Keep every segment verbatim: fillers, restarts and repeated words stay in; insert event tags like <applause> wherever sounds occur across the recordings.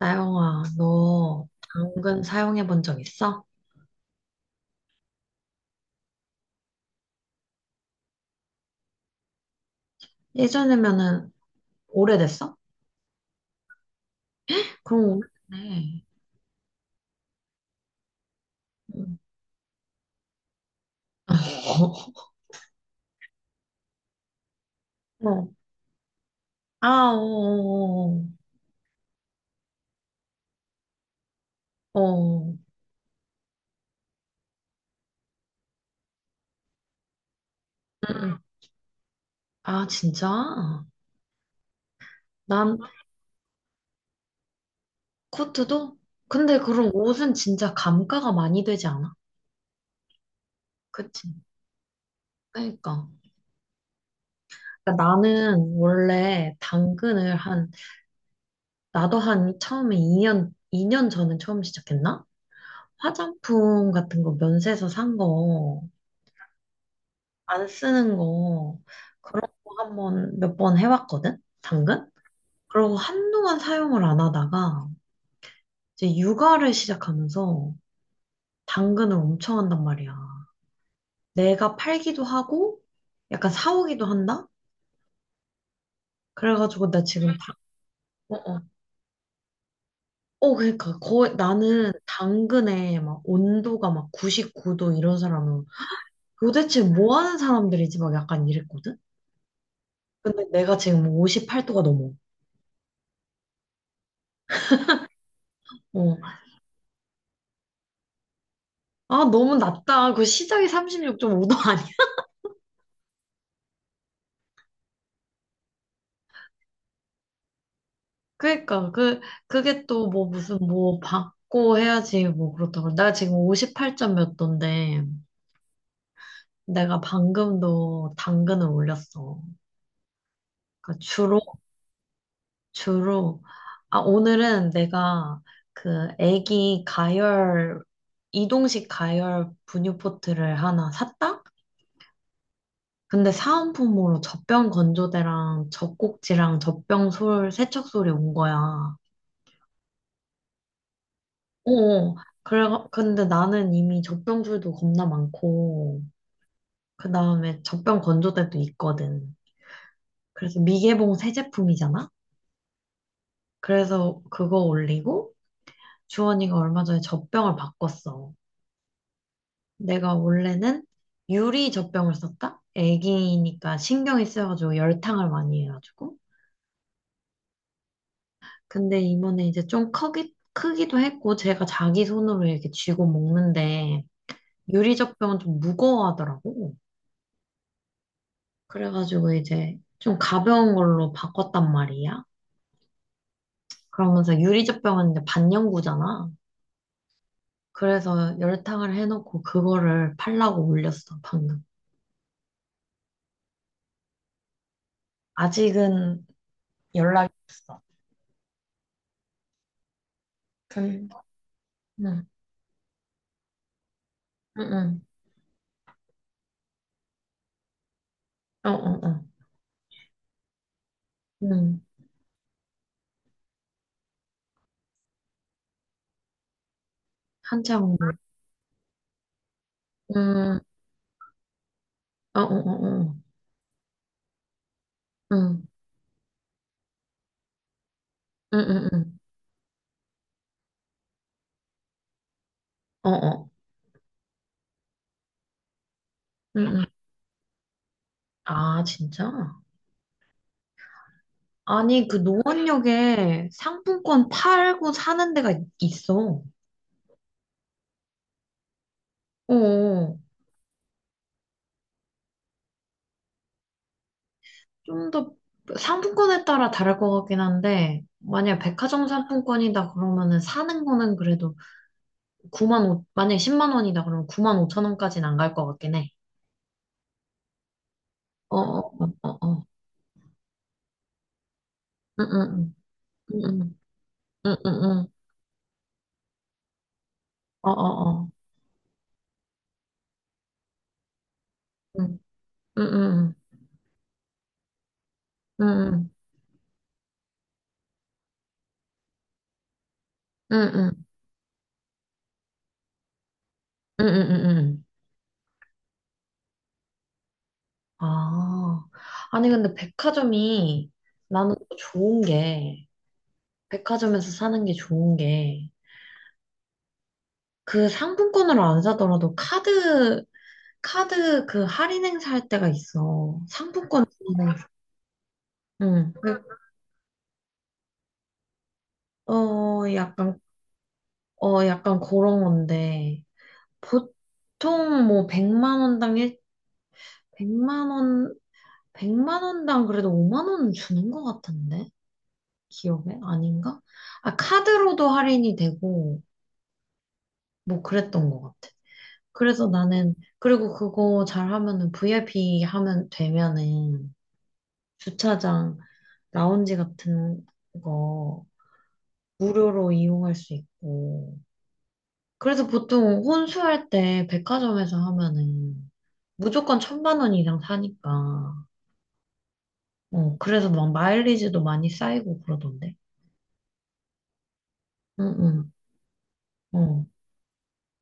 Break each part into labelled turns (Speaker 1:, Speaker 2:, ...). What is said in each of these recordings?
Speaker 1: 나영아, 너 당근 사용해 본 적 있어? 예전이면은 오래됐어? 그럼 오래됐네. 응. <laughs> 어. 아, 어, 어, 어. 어. 어, 응. 응. 아, 진짜? 난 코트도? 근데 그럼 옷은 진짜 감가가 많이 되지 않아? 그치? 그러니까. 그러니까 나는 원래 당근을 한, 나도 한 처음에 2년, 이 년 전에 처음 시작했나? 화장품 같은 거 면세에서 산 거. 안 쓰는 거 그런 거 한 번 몇 번 해봤거든? 당근? 그러고 한동안 사용을 안 하다가 이제 육아를 시작하면서 당근을 엄청 한단 말이야. 내가 팔기도 하고 약간 사오기도 한다? 그래가지고 나 지금 다, 어, 어. 어, 그러니까 거의 나는 당근에 막 온도가 막 구십구 도 이런 사람은 도대체 뭐 하는 사람들이지 막 약간 이랬거든? 근데 내가 지금 오십팔 도가 넘어. 어. 아, 너무 낮다. 그 시작이 삼십육 점 오 도. <laughs> 아니야. 그러니까 그 그게 또 뭐 무슨 뭐 받고 해야지 뭐 그렇다고. 나 지금 오십팔 점 몇 도인데 내가 방금도 당근을 올렸어. 그러니까 주로 주로 아, 오늘은 내가 그 애기 가열 이동식 가열 분유포트를 하나 샀다. 근데 사은품으로 젖병 건조대랑 젖꼭지랑 젖병 솔 세척솔이 온 거야. 어, 그래, 근데 나는 이미 젖병줄도 겁나 많고, 그 다음에 젖병 건조대도 있거든. 그래서 미개봉 새 제품이잖아? 그래서 그거 올리고, 주원이가 얼마 전에 젖병을 바꿨어. 내가 원래는 유리 젖병을 썼다? 애기니까 신경이 쓰여가지고 열탕을 많이 해가지고. 근데 이번에 이제 좀 크기, 크기도 했고, 제가 자기 손으로 이렇게 쥐고 먹는데, 유리 젖병은 좀 무거워하더라고. 그래가지고 이제 좀 가벼운 걸로 바꿨단 말이야. 그러면서 유리젖병은 이제 반영구잖아. 그래서 열탕을 해놓고 그거를 팔라고 올렸어, 방금. 아직은 연락이 없어. 근, 응, 응, 응, 어, 어, 어, 응, 한참, 응, 어, 어, 어, 어, 응, 응, 응, 응, 어, 어, 응, 응. 아, 진짜? 아니, 그 노원역에 상품권 팔고 사는 데가 있- 있어. 어. 좀 더 상품권에 따라 다를 것 같긴 한데, 만약 백화점 상품권이다 그러면은 사는 거는 그래도 구만 오 만약에 십만 원이다 그러면 구만 오천 원까지는 안 갈 것 같긴 해. 어, 어, 어, 어, 어. 응, 응, 응, 응, 응, 응, 응, 응. 어, 어, 어. 응, 응, 응, 응, 응, 응, 응, 응, 응, 응. 아. 아니, 근데 백화점이 나는 또 좋은 게, 백화점에서 사는 게 좋은 게, 그 상품권으로 안 사더라도 카드 카드 그 할인 행사할 때가 있어. 상품권 할인 행사. 응. 그, 어, 약간, 어, 약간 그런 건데. 보통 뭐 100만 원당 일 100만 원, 백만 원당 그래도 오만 원은 주는 것 같은데? 기억에? 아닌가? 아, 카드로도 할인이 되고, 뭐 그랬던 것 같아. 그래서 나는, 그리고 그거 잘 하면은 브이아이피 하면 되면은 주차장 라운지 같은 거 무료로 이용할 수 있고. 그래서 보통 혼수할 때 백화점에서 하면은 무조건 천만 원 이상 사니까. 어, 그래서 막 마일리지도 많이 쌓이고 그러던데. 응, 응, 어.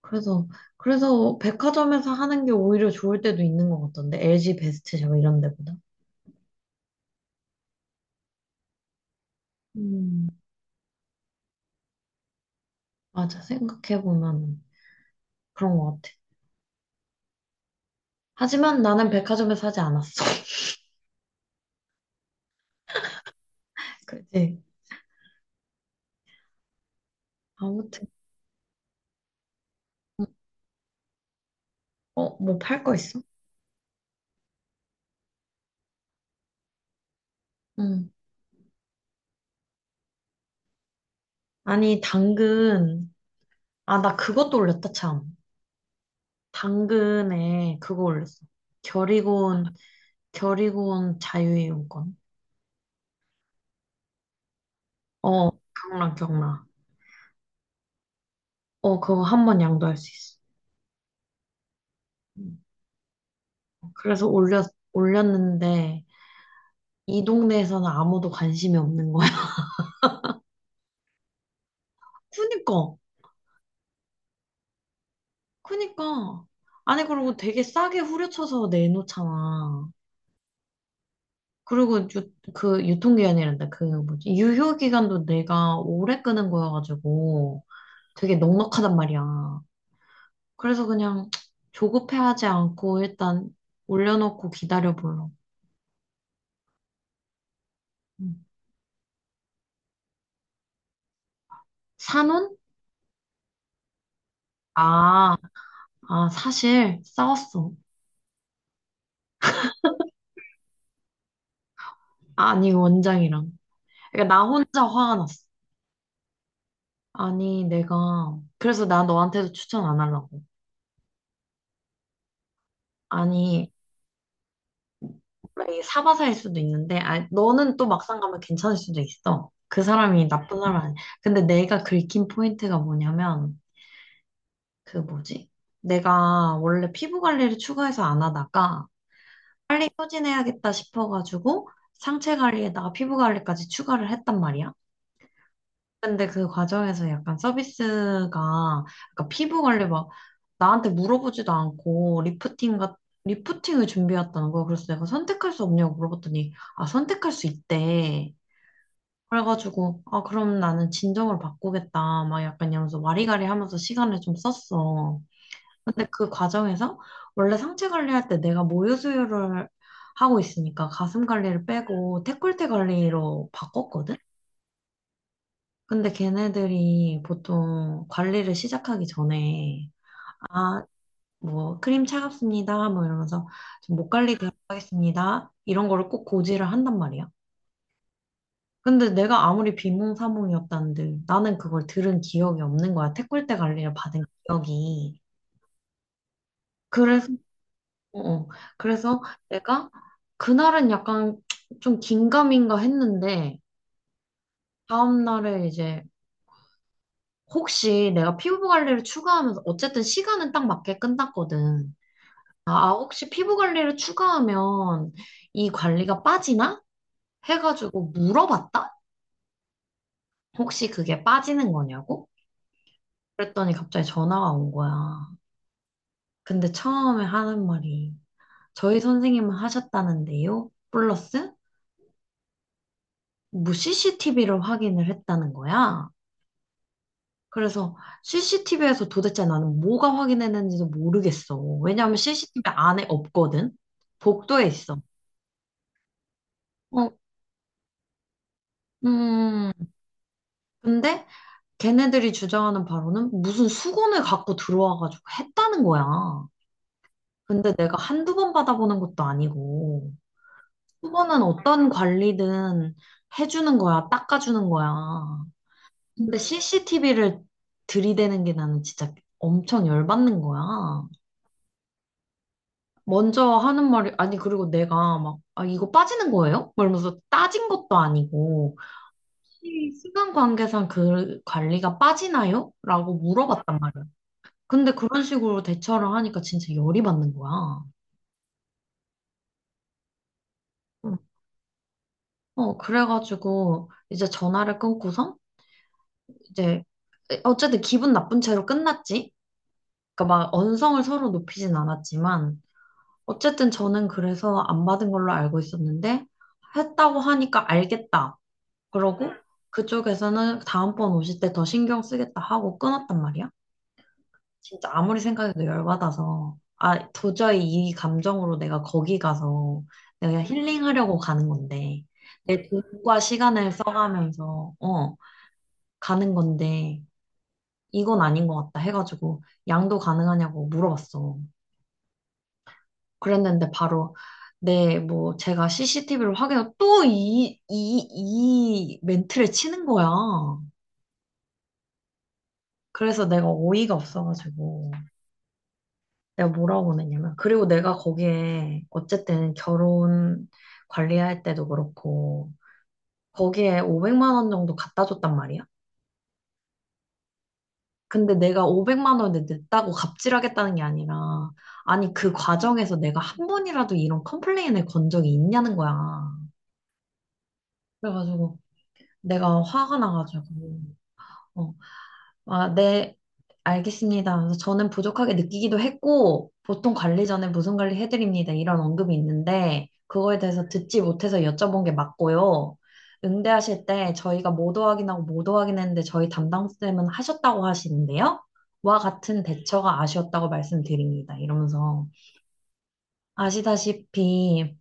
Speaker 1: 그래서, 그래서 백화점에서 하는 게 오히려 좋을 때도 있는 것 같던데. 엘지 베스트샵 이런 데보다. 음, 맞아. 생각해보면 그런 것 같아. 하지만 나는 백화점에서 하지 않았어. <laughs> 그지? 아무튼, 어, 뭐 팔 거 있어? 응. 아니, 당근. 아, 나 그것도 올렸다, 참. 당근에 그거 올렸어. 결의곤, 결의곤 자유이용권. 어, 경락, 경락. 어, 그거 한 번 양도할 수 있어. 음. 그래서 올렸, 올렸는데, 이 동네에서는 아무도 관심이 없는 거야. <laughs> 그니까, 그니까. 아니, 그리고 되게 싸게 후려쳐서 내놓잖아. 그리고 유, 그 유통기한이란다. 그 뭐지? 유효기간도 내가 오래 끄는 거여가지고 되게 넉넉하단 말이야. 그래서 그냥 조급해하지 않고 일단 올려놓고 기다려봐요. 음. 산혼? 아, 아, 사실 싸웠어. 아니, 원장이랑. 그러니까 나 혼자 화가 났어. 아니, 내가. 그래서 나 너한테도 추천 안 하려고. 아니, 원래 이게 사바사일 수도 있는데, 아니, 너는 또 막상 가면 괜찮을 수도 있어. 그 사람이 나쁜 사람 아니야. 근데 내가 긁힌 포인트가 뭐냐면, 그 뭐지? 내가 원래 피부 관리를 추가해서 안 하다가, 빨리 소진해야겠다 싶어가지고 상체 관리에다가 피부 관리까지 추가를 했단 말이야. 근데 그 과정에서 약간 서비스가 약간 피부 관리 막 나한테 물어보지도 않고 리프팅 같 리프팅을 준비했다는 거야. 그래서 내가 선택할 수 없냐고 물어봤더니, 아, 선택할 수 있대. 그래가지고, 아, 그럼 나는 진정을 바꾸겠다 막 약간 이러면서 와리가리 하면서 시간을 좀 썼어. 근데 그 과정에서 원래 상체 관리할 때 내가 모유 수유를 하고 있으니까 가슴 관리를 빼고 데콜테 관리로 바꿨거든? 근데 걔네들이 보통 관리를 시작하기 전에 아, 뭐 크림 차갑습니다. 뭐 이러면서 좀목 관리 들어가겠습니다. 이런 거를 꼭 고지를 한단 말이야. 근데 내가 아무리 비몽사몽이었다는데 나는 그걸 들은 기억이 없는 거야. 데콜테 관리를 받은 기억이. 그래서 어, 어. 그래서 내가 그날은 약간 좀 긴가민가 했는데 다음날에 이제 혹시 내가 피부 관리를 추가하면서 어쨌든 시간은 딱 맞게 끝났거든. 아, 아, 혹시 피부 관리를 추가하면 이 관리가 빠지나? 해가지고 물어봤다? 혹시 그게 빠지는 거냐고? 그랬더니 갑자기 전화가 온 거야. 근데 처음에 하는 말이 저희 선생님은 하셨다는데요? 플러스 뭐 씨씨티비를 확인을 했다는 거야. 그래서 씨씨티비에서 도대체 나는 뭐가 확인했는지도 모르겠어. 왜냐하면 씨씨티비 안에 없거든. 복도에 있어. 어, 음. 근데 걔네들이 주장하는 바로는 무슨 수건을 갖고 들어와가지고 했다는 거야. 근데 내가 한두 번 받아보는 것도 아니고. 수건은 어떤 관리든 해주는 거야, 닦아주는 거야. 근데 씨씨티비를 들이대는 게 나는 진짜 엄청 열받는 거야. 먼저 하는 말이, 아니, 그리고 내가 막, 아, 이거 빠지는 거예요? 막 이러면서 따진 것도 아니고, 혹시 시간 관계상 그 관리가 빠지나요? 라고 물어봤단 말이야. 근데 그런 식으로 대처를 하니까 진짜 열이 받는 거야. 응. 어, 그래가지고, 이제 전화를 끊고서, 이제, 어쨌든 기분 나쁜 채로 끝났지? 그러니까 막 언성을 서로 높이진 않았지만, 어쨌든 저는 그래서 안 받은 걸로 알고 있었는데, 했다고 하니까 알겠다. 그러고 응, 그쪽에서는 다음번 오실 때 더 신경 쓰겠다 하고 끊었단 말이야. 진짜 아무리 생각해도 열받아서 아 도저히 이 감정으로 내가 거기 가서 내가 응, 힐링하려고 가는 건데 내 돈과 시간을 써가면서 어 가는 건데 이건 아닌 것 같다 해가지고 양도 가능하냐고 물어봤어. 그랬는데 바로 네, 뭐, 제가 씨씨티비를 확인하고 또 이, 이, 이 멘트를 치는 거야. 그래서 내가 어이가 없어가지고 내가 뭐라고 보냈냐면, 그리고 내가 거기에 어쨌든 결혼 관리할 때도 그렇고 거기에 500만 원 정도 갖다 줬단 말이야. 근데 내가 오백만 원을 냈다고 갑질하겠다는 게 아니라 아니 그 과정에서 내가 한 번이라도 이런 컴플레인을 건 적이 있냐는 거야. 그래가지고 내가 화가 나가지고 어, 아, 네, 알겠습니다. 그래서 저는 부족하게 느끼기도 했고, 보통 관리 전에 무슨 관리 해드립니다. 이런 언급이 있는데, 그거에 대해서 듣지 못해서 여쭤본 게 맞고요. 응대하실 때 저희가 모두 확인하고 모두 확인했는데 저희 담당쌤은 하셨다고 하시는데요. 와 같은 대처가 아쉬웠다고 말씀드립니다. 이러면서 아시다시피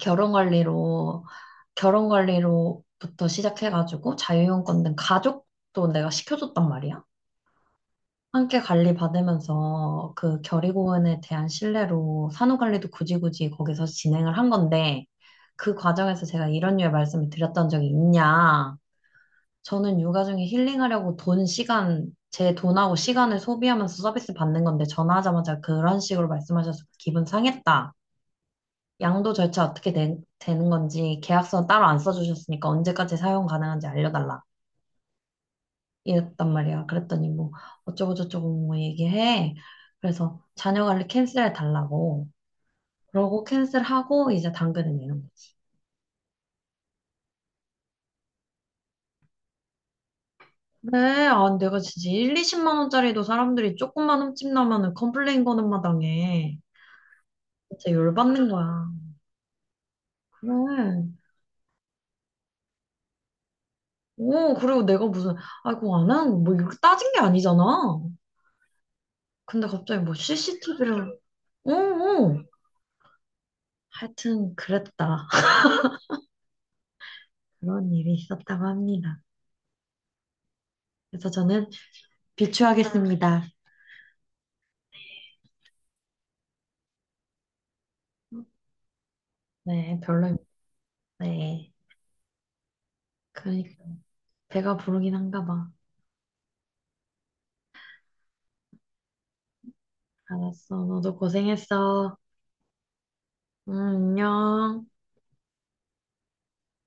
Speaker 1: 결혼 관리로 결혼 관리로부터 시작해가지고 자유형 건등 가족도 내가 시켜줬단 말이야. 함께 관리 받으면서 그 결의공원에 대한 신뢰로 산후관리도 굳이 굳이 거기서 진행을 한 건데 그 과정에서 제가 이런 류의 말씀을 드렸던 적이 있냐. 저는 육아 중에 힐링하려고 돈, 시간, 제 돈하고 시간을 소비하면서 서비스 받는 건데 전화하자마자 그런 식으로 말씀하셔서 기분 상했다. 양도 절차 어떻게 되, 되는 건지 계약서 따로 안 써주셨으니까 언제까지 사용 가능한지 알려달라. 이랬단 말이야. 그랬더니 뭐 어쩌고저쩌고 뭐 얘기해. 그래서 자녀 관리 캔슬해 달라고. 그러고 캔슬하고 이제 당근을 내는 거지. 그래, 아, 내가 진짜 일, 이십만 원짜리도 사람들이 조금만 흠집 나면은 컴플레인 거는 마당에 진짜 열받는 거야. 그래. 오, 그리고 내가 무슨, 아이고, 안 하는 거, 뭐 이렇게 따진 게 아니잖아. 근데 갑자기 뭐 씨씨티비를, 오, 오. 하여튼 그랬다. <laughs> 그런 일이 있었다고 합니다. 그래서 저는 비추하겠습니다. 네, 별로입니다. 네. 그러니까 배가 부르긴 한가 봐. 알았어. 너도 고생했어. 응, 안녕.